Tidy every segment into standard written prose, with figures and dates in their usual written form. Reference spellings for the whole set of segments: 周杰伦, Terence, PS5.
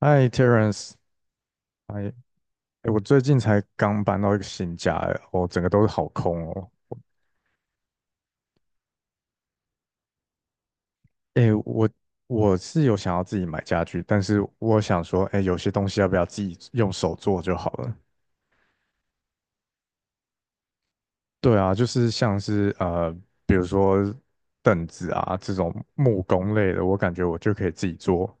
嗨，Terence。哎。哎，我最近才刚搬到一个新家。哎，我整个都是好空哦。哎，我是有想要自己买家具，但是我想说，哎，有些东西要不要自己用手做就好了？对啊，就是像是比如说凳子啊这种木工类的，我感觉我就可以自己做。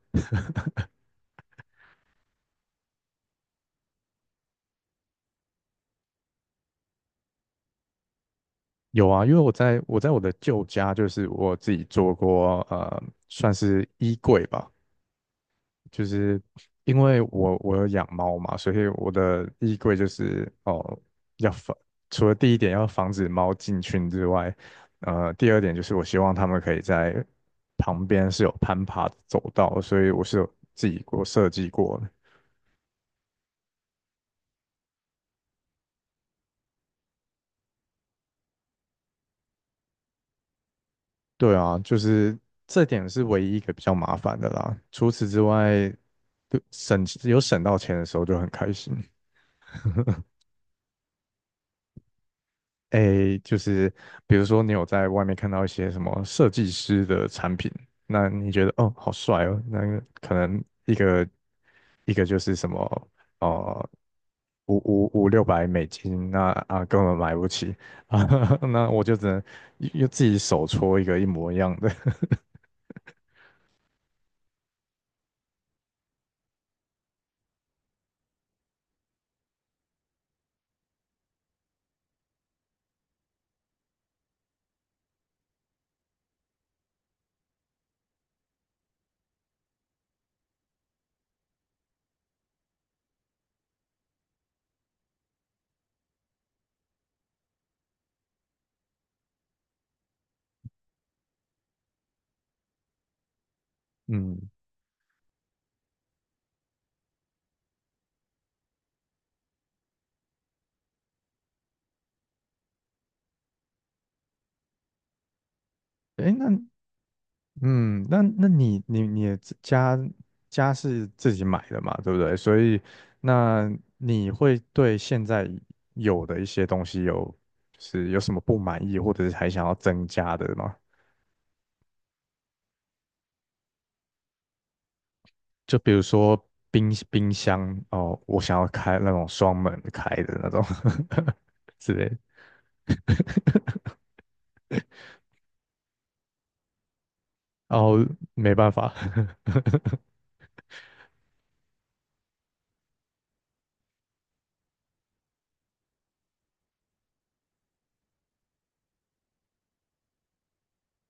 有啊，因为我在我的旧家，就是我自己做过，算是衣柜吧。就是因为我有养猫嘛，所以我的衣柜就是哦，要防，除了第一点要防止猫进群之外，第二点就是我希望它们可以在旁边是有攀爬的走道，所以我是有自己过设计过的。对啊，就是这点是唯一一个比较麻烦的啦。除此之外，就省有省到钱的时候就很开心。诶，就是比如说你有在外面看到一些什么设计师的产品，那你觉得哦好帅哦，那个可能一个就是什么哦，五六百美金，那啊根本买不起啊。那我就只能又自己手搓一个一模一样的。嗯，诶，那嗯，那你的家是自己买的嘛，对不对？所以那你会对现在有的一些东西有就是有什么不满意，或者是还想要增加的吗？就比如说冰箱哦，我想要开那种双门开的那种 之类的。然后没办法。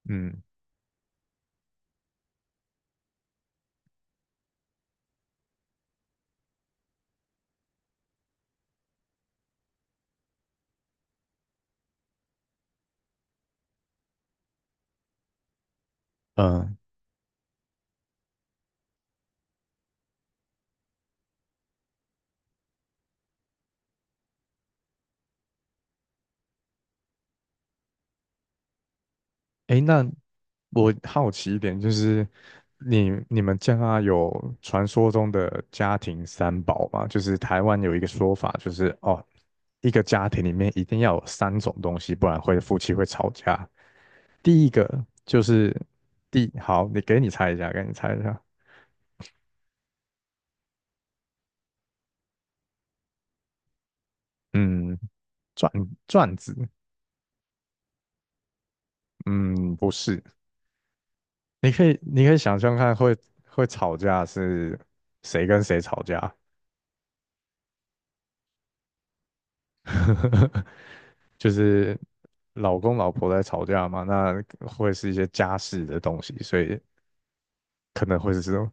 嗯嗯。诶，那我好奇一点，就是你们家有传说中的家庭三宝吗？就是台湾有一个说法，就是哦，一个家庭里面一定要有三种东西，不然会夫妻会吵架。第一个就是好，你给你猜一下，给你猜一下。嗯，转转子，嗯，不是。你可以想象看会吵架是谁跟谁吵架。呵呵呵，就是老公老婆在吵架嘛，那会是一些家事的东西，所以可能会是这种。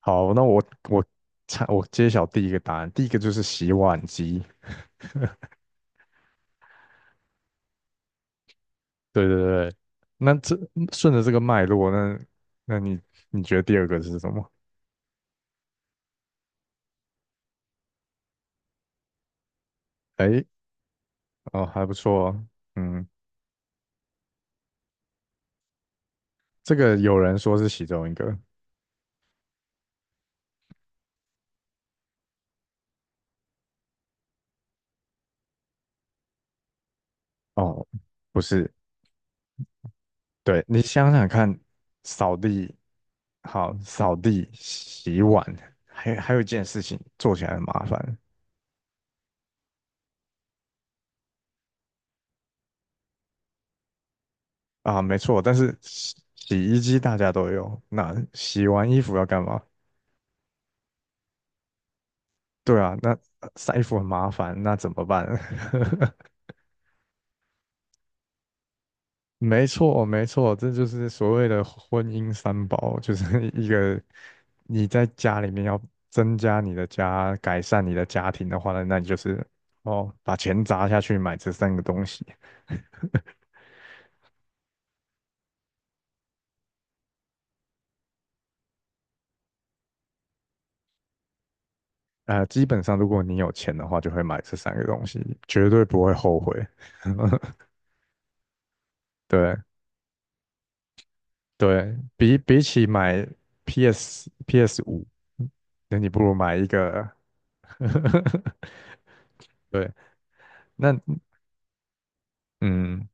好，那我猜我揭晓第一个答案，第一个就是洗碗机。对对对。那这顺着这个脉络，那那你你觉得第二个是什么？哎，哦，还不错哦。嗯，这个有人说是其中一个。哦，不是。对，你想想看，扫地，好，扫地、洗碗，还有一件事情做起来很麻烦。啊，没错，但是洗衣机大家都有，那洗完衣服要干嘛？对啊，那晒衣服很麻烦，那怎么办？没错，没错，这就是所谓的婚姻三宝，就是 一个你在家里面要增加你的家，改善你的家庭的话呢，那你就是哦，把钱砸下去买这三个东西。呃，基本上如果你有钱的话，就会买这三个东西，绝对不会后悔。对对，比起买 PS 五，那你不如买一个。对，那嗯，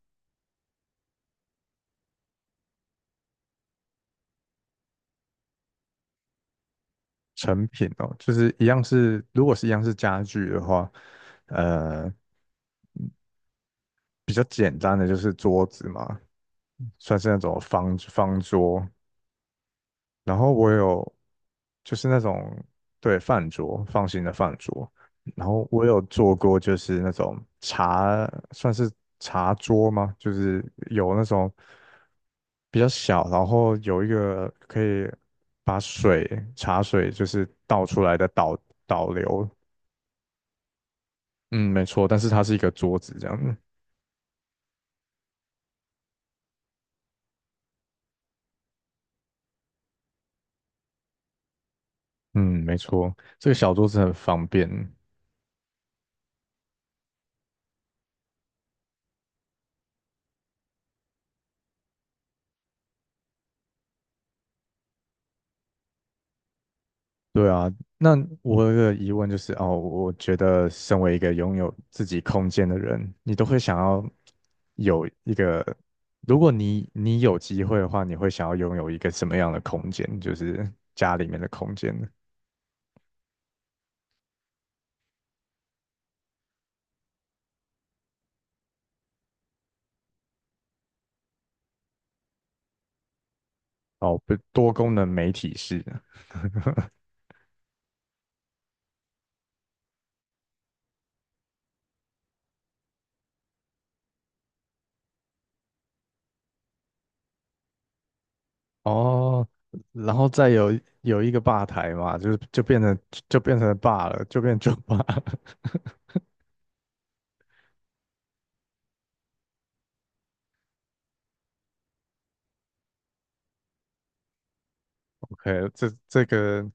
成品哦，就是一样是，如果是一样是家具的话，呃，比较简单的就是桌子嘛，算是那种方桌，然后我有就是那种对饭桌放心的饭桌，然后我有做过就是那种茶，算是茶桌吗？就是有那种比较小，然后有一个可以把水茶水就是倒出来的导导流。嗯，没错，但是它是一个桌子这样子。嗯，没错，这个小桌子很方便。对啊，那我有个疑问就是，哦，我觉得身为一个拥有自己空间的人，你都会想要有一个，如果你有机会的话，你会想要拥有一个什么样的空间？就是家里面的空间呢？哦，不，多功能媒体室呢？哦，然后再有一个吧台嘛，就是就变成了 b 了，就变酒吧了。OK，这这个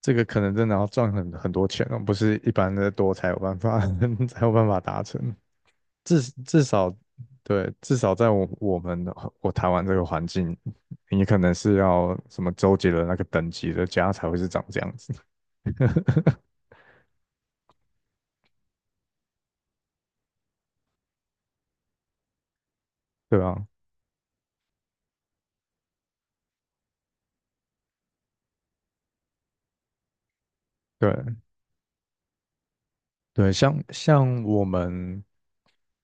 这个可能真的要赚很多钱哦，不是一般的多才有办法 才有办法达成。至少，对，至少在我们的台湾这个环境，你可能是要什么周杰伦那个等级的家才会是长这样子。对啊，对，对，像我们。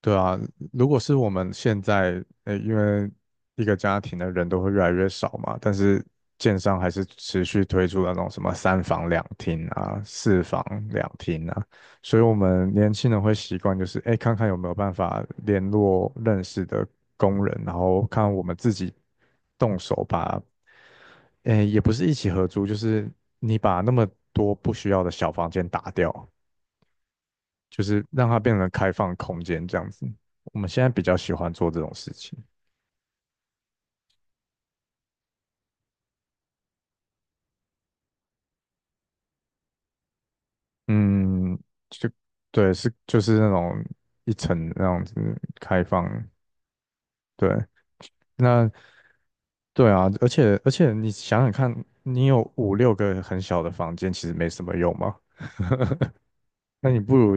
对啊，如果是我们现在，呃，因为一个家庭的人都会越来越少嘛，但是建商还是持续推出那种什么三房两厅啊、四房两厅啊，所以我们年轻人会习惯就是，哎，看看有没有办法联络认识的工人，然后看我们自己动手把，哎，也不是一起合租，就是你把那么多不需要的小房间打掉，就是让它变成开放空间这样子。我们现在比较喜欢做这种事情。嗯，就对，是就是那种一层那样子开放。对，那对啊，而且你想想看，你有五六个很小的房间，其实没什么用嘛。那你不如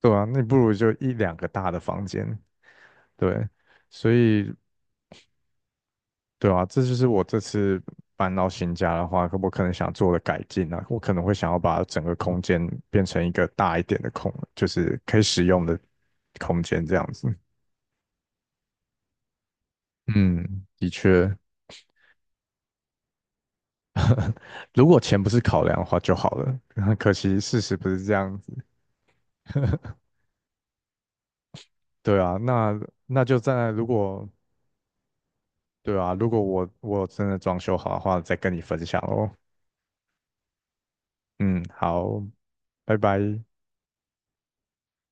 对啊，那你不如就一两个大的房间。对，所以对啊，这就是我这次搬到新家的话，我可能想做的改进啊，我可能会想要把整个空间变成一个大一点的空，就是可以使用的空间这样子。嗯，的确，如果钱不是考量的话就好了。可惜，事实不是这样子。对啊，那那就在如果对啊，如果我真的装修好的话，再跟你分享哦。嗯，好，拜拜。